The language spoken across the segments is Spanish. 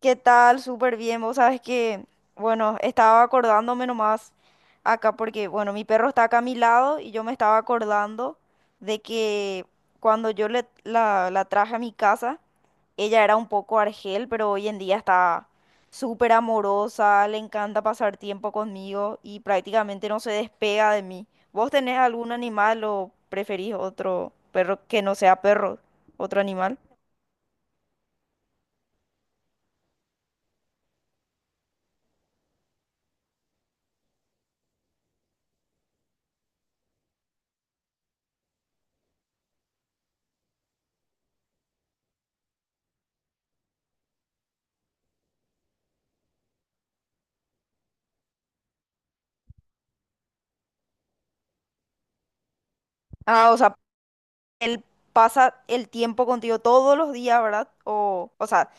¿Qué tal? Súper bien. Vos sabes que, bueno, estaba acordándome nomás acá porque, bueno, mi perro está acá a mi lado y yo me estaba acordando de que cuando yo la traje a mi casa, ella era un poco argel, pero hoy en día está súper amorosa, le encanta pasar tiempo conmigo y prácticamente no se despega de mí. ¿Vos tenés algún animal o preferís otro perro que no sea perro, otro animal? Ah, o sea, él pasa el tiempo contigo todos los días, ¿verdad? O sea,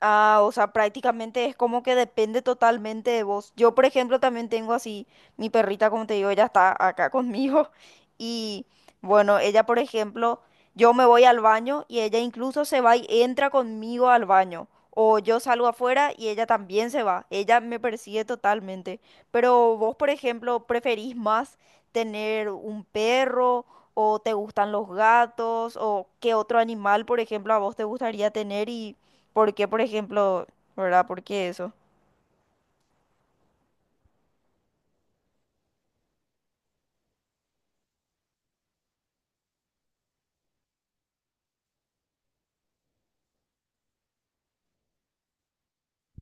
Ah, o sea, prácticamente es como que depende totalmente de vos. Yo, por ejemplo, también tengo así, mi perrita, como te digo, ella está acá conmigo. Y bueno, ella, por ejemplo, yo me voy al baño y ella incluso se va y entra conmigo al baño. O yo salgo afuera y ella también se va. Ella me persigue totalmente. Pero vos, por ejemplo, ¿preferís más tener un perro o te gustan los gatos o qué otro animal, por ejemplo, a vos te gustaría tener y... ¿Por qué, por ejemplo, verdad? ¿Por qué eso?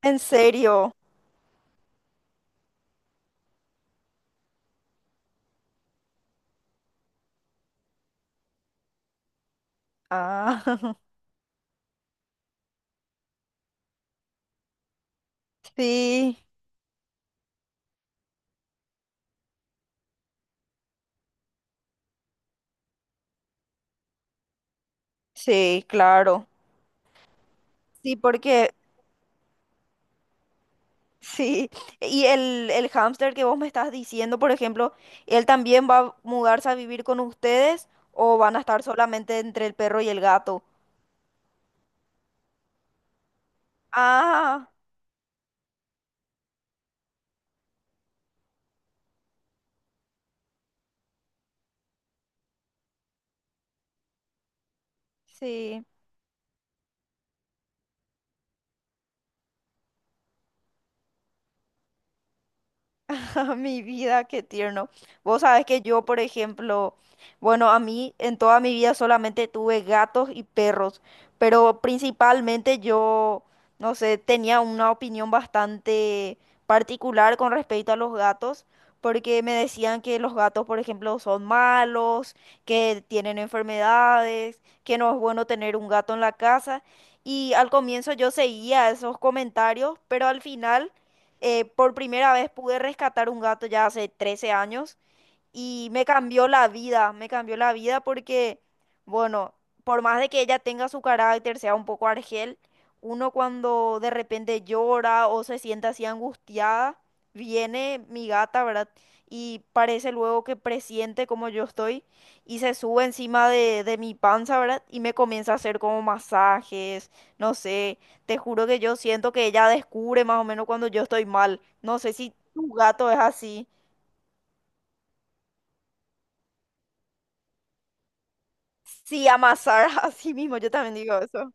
¿En serio? Ah, sí, sí, claro. Sí, porque, sí. Y el hámster que vos me estás diciendo, por ejemplo, ¿él también va a mudarse a vivir con ustedes o van a estar solamente entre el perro y el gato? Ah, sí. Mi vida, qué tierno. Vos sabés que yo, por ejemplo, bueno, a mí en toda mi vida solamente tuve gatos y perros, pero principalmente yo, no sé, tenía una opinión bastante particular con respecto a los gatos, porque me decían que los gatos, por ejemplo, son malos, que tienen enfermedades, que no es bueno tener un gato en la casa. Y al comienzo yo seguía esos comentarios, pero al final... por primera vez pude rescatar un gato ya hace 13 años y me cambió la vida, me cambió la vida porque, bueno, por más de que ella tenga su carácter, sea un poco argel, uno cuando de repente llora o se siente así angustiada, viene mi gata, ¿verdad? Y parece luego que presiente como yo estoy y se sube encima de mi panza, ¿verdad? Y me comienza a hacer como masajes, no sé, te juro que yo siento que ella descubre más o menos cuando yo estoy mal. No sé si tu gato es así. Sí, amasar así mismo, yo también digo eso.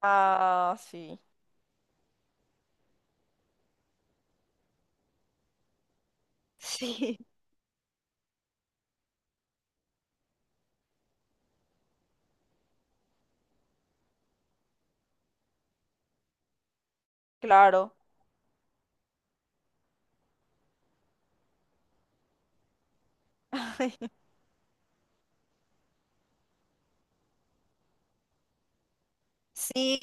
Ah, sí. Sí, claro. Sí,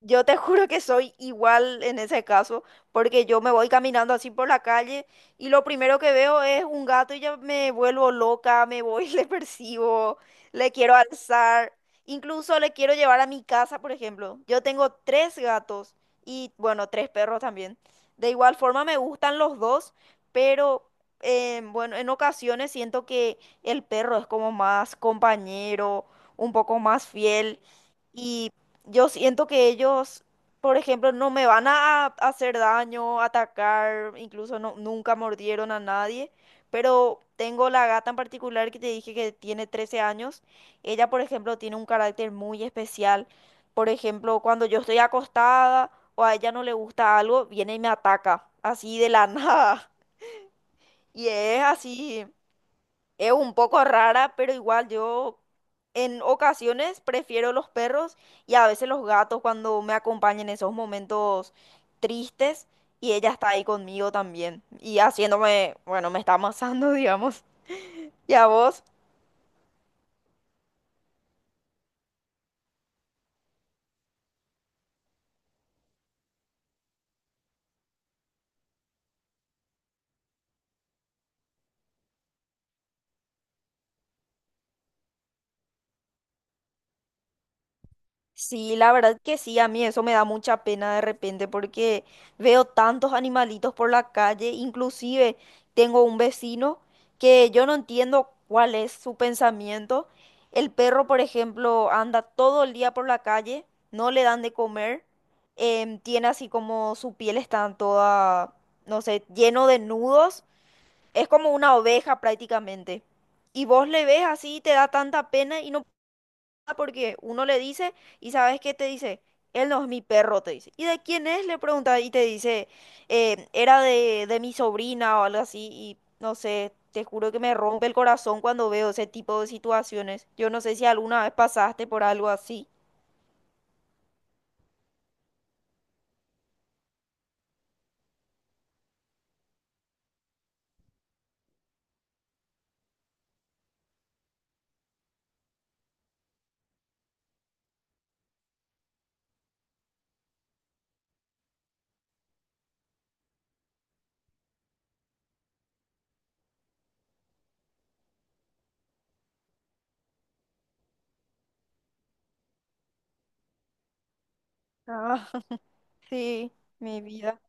yo te juro que soy igual en ese caso, porque yo me voy caminando así por la calle y lo primero que veo es un gato y ya me vuelvo loca, me voy, le persigo, le quiero alzar, incluso le quiero llevar a mi casa, por ejemplo. Yo tengo tres gatos y, bueno, tres perros también. De igual forma me gustan los dos, pero, bueno, en ocasiones siento que el perro es como más compañero, un poco más fiel. Y yo siento que ellos, por ejemplo, no me van a hacer daño, atacar, incluso no, nunca mordieron a nadie, pero tengo la gata en particular que te dije que tiene 13 años. Ella, por ejemplo, tiene un carácter muy especial. Por ejemplo, cuando yo estoy acostada o a ella no le gusta algo, viene y me ataca, así de la nada. Y es así. Es un poco rara, pero igual yo en ocasiones prefiero los perros y a veces los gatos cuando me acompañan en esos momentos tristes y ella está ahí conmigo también y haciéndome, bueno, me está amasando, digamos. ¿Y a vos? Sí, la verdad que sí, a mí eso me da mucha pena de repente porque veo tantos animalitos por la calle, inclusive tengo un vecino que yo no entiendo cuál es su pensamiento. El perro, por ejemplo, anda todo el día por la calle, no le dan de comer, tiene así como su piel está toda, no sé, lleno de nudos, es como una oveja prácticamente. Y vos le ves así, te da tanta pena y no porque uno le dice y ¿sabes qué te dice? Él no es mi perro, te dice. ¿Y de quién es? Le pregunta y te dice, era de mi sobrina o algo así y no sé, te juro que me rompe el corazón cuando veo ese tipo de situaciones. Yo no sé si alguna vez pasaste por algo así. Ah, sí, mi vida.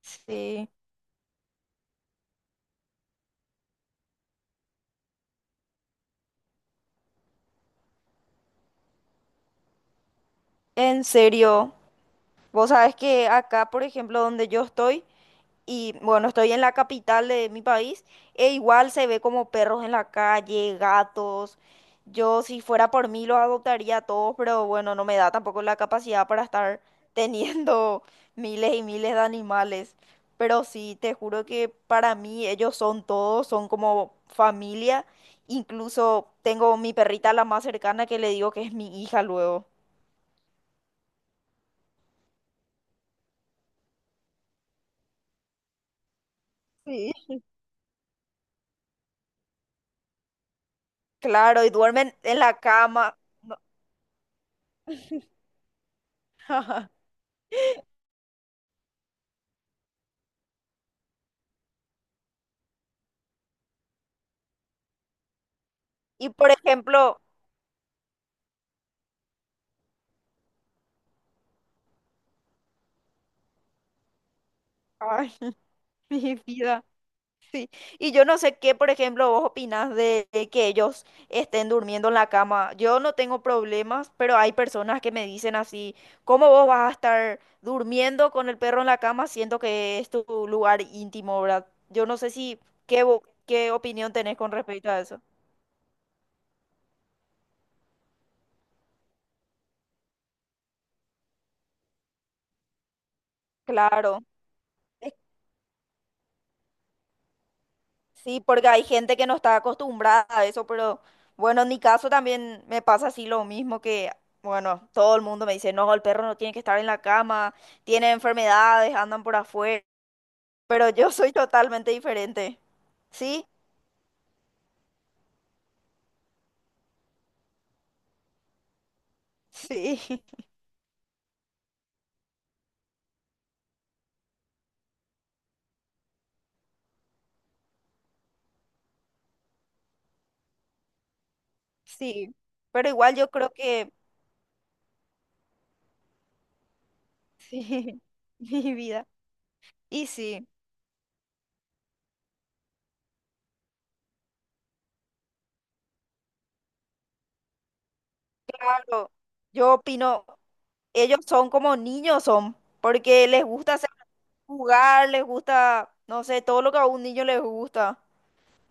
Sí. En serio. Vos sabés que acá, por ejemplo, donde yo estoy, y bueno, estoy en la capital de mi país e igual se ve como perros en la calle, gatos. Yo si fuera por mí los adoptaría a todos, pero bueno, no me da tampoco la capacidad para estar teniendo miles y miles de animales. Pero sí, te juro que para mí ellos son todos, son como familia. Incluso tengo mi perrita la más cercana que le digo que es mi hija luego. Sí. Claro, y duermen en la cama. No. Y por ejemplo, ay, mi vida. Y yo no sé qué, por ejemplo, vos opinás de que ellos estén durmiendo en la cama. Yo no tengo problemas, pero hay personas que me dicen así, ¿cómo vos vas a estar durmiendo con el perro en la cama siendo que es tu lugar íntimo, ¿verdad? Yo no sé si, ¿qué, qué opinión tenés con respecto a eso? Claro. Sí, porque hay gente que no está acostumbrada a eso, pero bueno, en mi caso también me pasa así lo mismo que, bueno, todo el mundo me dice, no, el perro no tiene que estar en la cama, tiene enfermedades, andan por afuera, pero yo soy totalmente diferente. Sí, sí, sí, pero igual yo creo que, sí, mi vida. Y sí, claro, yo opino, ellos son como niños son, porque les gusta hacer jugar, les gusta, no sé, todo lo que a un niño les gusta.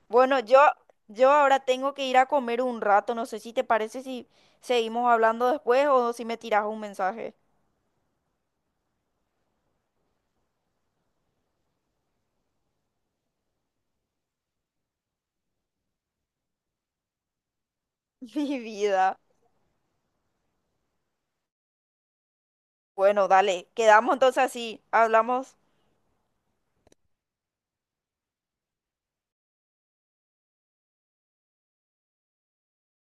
Bueno, yo ahora tengo que ir a comer un rato. No sé si te parece si seguimos hablando después o si me tiras un mensaje. Mi vida. Bueno, dale, quedamos entonces así. Hablamos.